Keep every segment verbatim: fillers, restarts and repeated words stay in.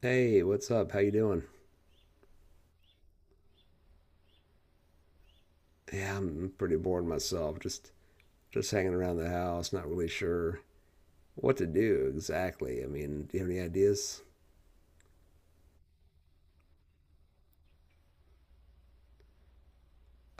Hey, what's up? How you doing? Yeah, I'm pretty bored myself. Just just hanging around the house, not really sure what to do exactly. I mean, do you have any ideas?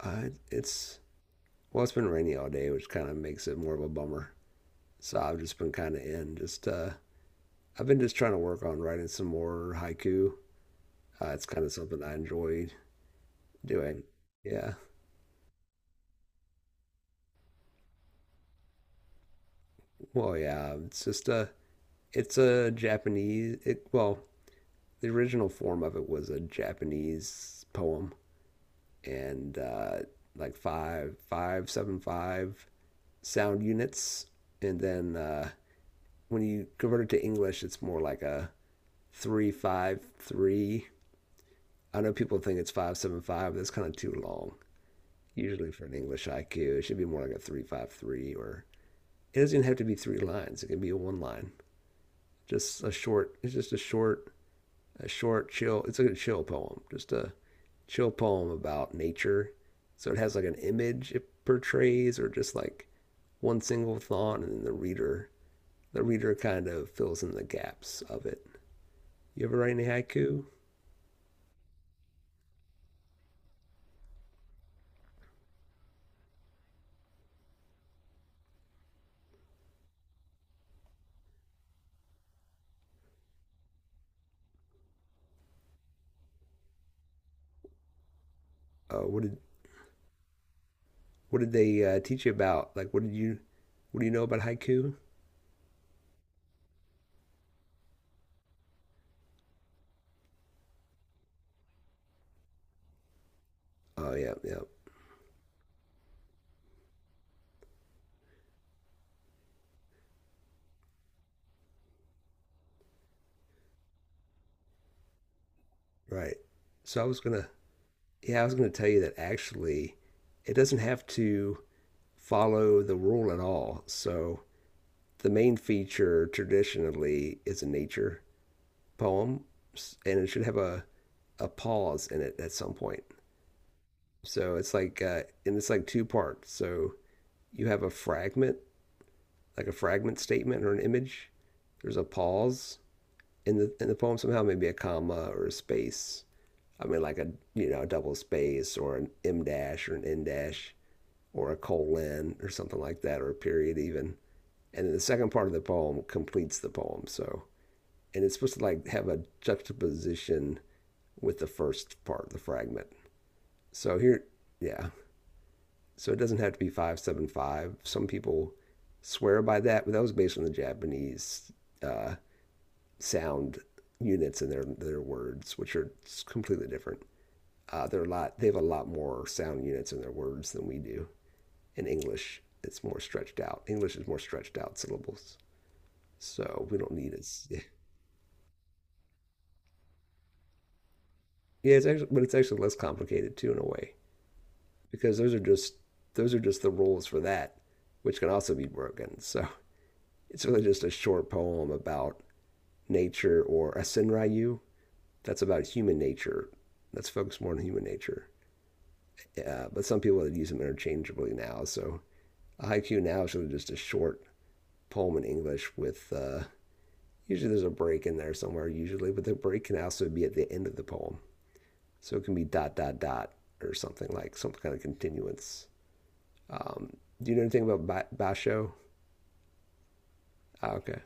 Uh, it- it's well, it's been rainy all day, which kind of makes it more of a bummer. So I've just been kind of in. Just uh, I've been just trying to work on writing some more haiku. Uh, it's kind of something I enjoy doing. Yeah. Well, yeah. It's just a. It's a Japanese. It, well, the original form of it was a Japanese poem and uh, like five, five, seven, five sound units. And then uh, when you convert it to English, it's more like a three, five, three. I know people think it's five, seven, five. But that's kind of too long. Usually for an English I Q, it should be more like a three, five, three. Or it doesn't even have to be three lines. It can be a one line. Just a short. It's just a short, a short chill. It's like a chill poem. Just a chill poem about nature. So it has like an image it portrays, or just like one single thought, and then the reader the reader kind of fills in the gaps of it. You ever write any haiku? Uh, what did what did they uh, teach you about? Like, what did you what do you know about haiku? Oh yeah, yeah, right. So I was gonna yeah I was gonna tell you that actually it doesn't have to follow the rule at all. So the main feature traditionally is a nature poem, and it should have a a pause in it at some point. So it's like, uh, and it's like two parts. So you have a fragment, like a fragment statement or an image. There's a pause in the in the poem somehow, maybe a comma or a space. I mean, like a you know a double space or an m dash or an n dash or a colon or something like that or a period even. And then the second part of the poem completes the poem. So and it's supposed to like have a juxtaposition with the first part, the fragment. So here, yeah, so it doesn't have to be five seven five. Some people swear by that, but that was based on the Japanese uh, sound units in their their words, which are completely different. Uh, they're a lot. They have a lot more sound units in their words than we do. In English, it's more stretched out. English is more stretched out syllables, so we don't need as yeah. Yeah, it's actually, but it's actually less complicated too in a way because those are just those are just the rules for that, which can also be broken. So it's really just a short poem about nature or a Senryu. That's about human nature. That's focused more on human nature. Yeah, but some people use them interchangeably now. So a haiku now is really just a short poem in English with uh, usually there's a break in there somewhere usually, but the break can also be at the end of the poem. So it can be dot dot dot or something like some kind of continuance. Um, do you know anything about ba- basho? Ah, okay,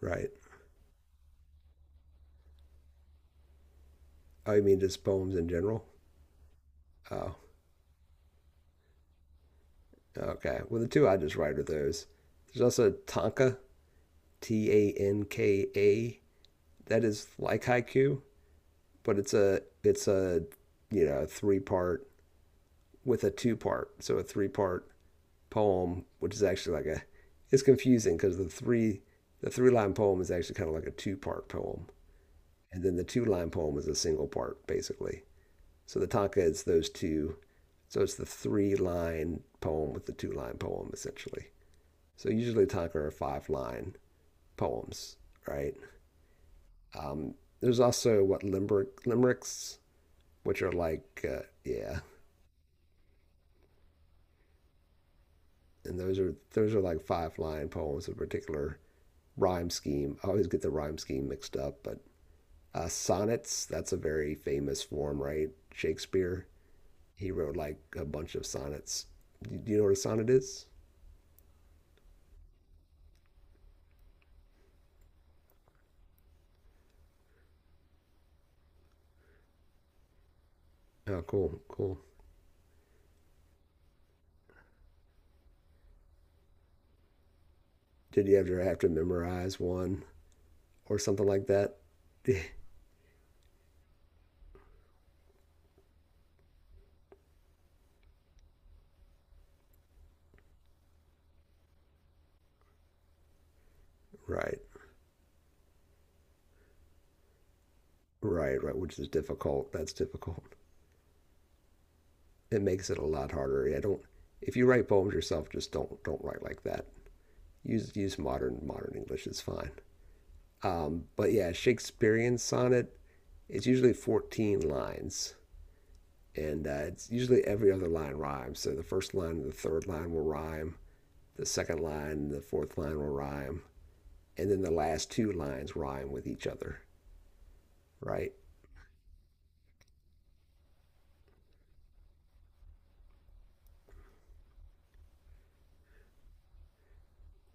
right. Oh, you mean just poems in general? Oh, okay. Well, the two I just write are those. There's also tanka, T A N K A. That is like haiku, but it's a it's a you know three part with a two part, so a three part poem, which is actually like a it's confusing because the three the three line poem is actually kind of like a two part poem, and then the two line poem is a single part basically. So the tanka is those two. So it's the three line poem with the two line poem essentially. So usually tanka are five line poems, right? Um, there's also what limerick limericks, which are like uh, yeah, and those are those are like five line poems of a particular rhyme scheme. I always get the rhyme scheme mixed up, but uh, sonnets, that's a very famous form, right? Shakespeare, he wrote like a bunch of sonnets. Do you know what a sonnet is? Oh, cool, cool. Did you ever have to memorize one or something like that? Right, right, right. Which is difficult. That's difficult. It makes it a lot harder. I don't. If you write poems yourself, just don't don't write like that. Use use modern modern English. It's fine. Um, but yeah, Shakespearean sonnet. It's usually fourteen lines, and uh, it's usually every other line rhymes. So the first line and the third line will rhyme. The second line and the fourth line will rhyme, and then the last two lines rhyme with each other. Right,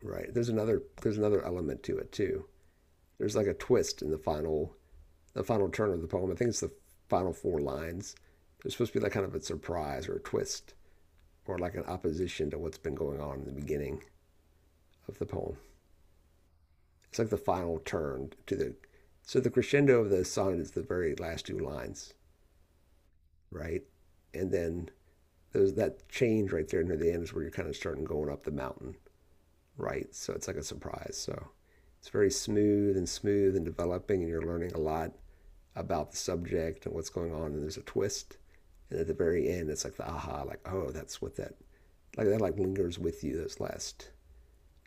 right. There's another there's another element to it too. There's like a twist in the final the final turn of the poem. I think it's the final four lines. There's supposed to be like kind of a surprise or a twist or like an opposition to what's been going on in the beginning of the poem. It's like the final turn to the so the crescendo of the sonnet is the very last two lines, right? And then there's that change right there near the end is where you're kind of starting going up the mountain, right? So it's like a surprise. So it's very smooth and smooth and developing, and you're learning a lot about the subject and what's going on, and there's a twist. And at the very end, it's like the aha, like oh, that's what that like that like lingers with you. Those last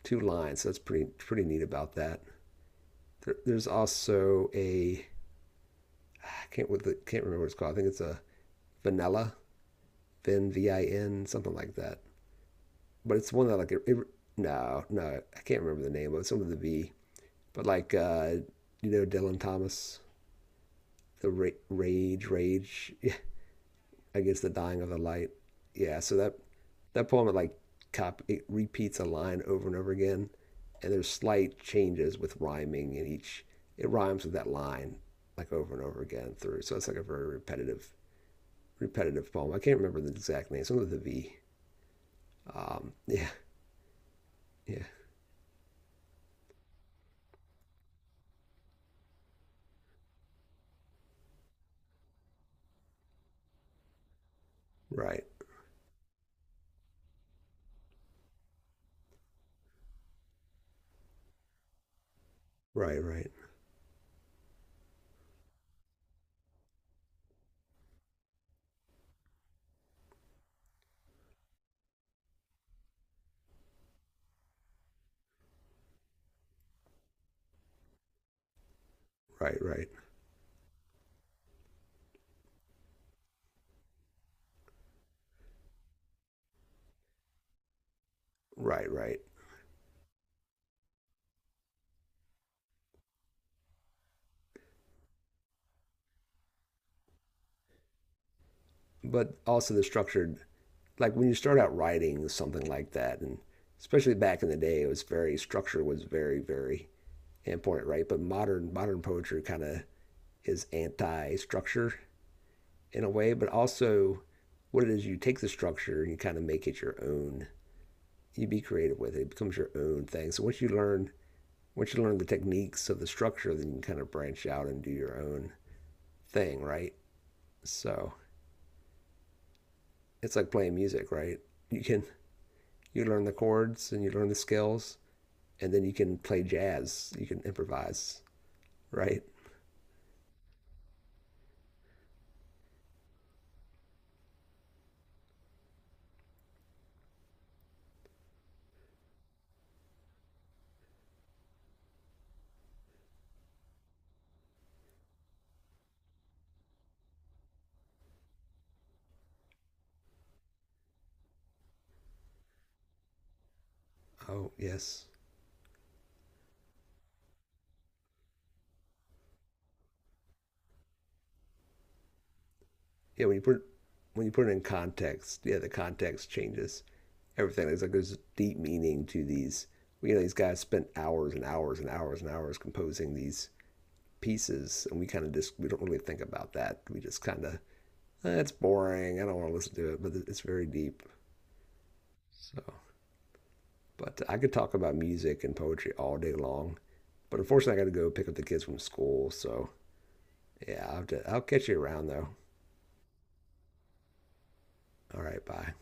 two lines. So that's pretty pretty neat about that. There, there's also a I can't with the, can't remember what it's called. I think it's a vanilla vin v I n something like that. But it's one that like it, it, no no I can't remember the name. But it. Some of the V. But like uh, you know Dylan Thomas, the ra- rage rage against the dying of the light. Yeah, so that that poem it like cop it repeats a line over and over again, and there's slight changes with rhyming in each. It rhymes with that line like over and over again through. So it's like a very repetitive repetitive poem. I can't remember the exact name. Something with a V. Um, yeah, yeah, right, right, right, right, right, right, right. But also the structured, like when you start out writing something like that, and especially back in the day, it was very structure was very very important, right? But modern modern poetry kind of is anti structure in a way, but also what it is you take the structure and you kind of make it your own. You be creative with it. It becomes your own thing. So once you learn once you learn the techniques of the structure, then you can kind of branch out and do your own thing, right? So it's like playing music, right? You can you learn the chords and you learn the skills and then you can play jazz. You can improvise, right? Oh yes. Yeah, when you put when you put it in context, yeah, the context changes everything. There's like there's deep meaning to these. You know, these guys spent hours and hours and hours and hours composing these pieces, and we kind of just we don't really think about that. We just kind of that's eh, boring. I don't want to listen to it, but it's very deep. So, but I could talk about music and poetry all day long, but unfortunately, I got to go pick up the kids from school. So, yeah, I'll, have to, I'll catch you around though. All right, bye.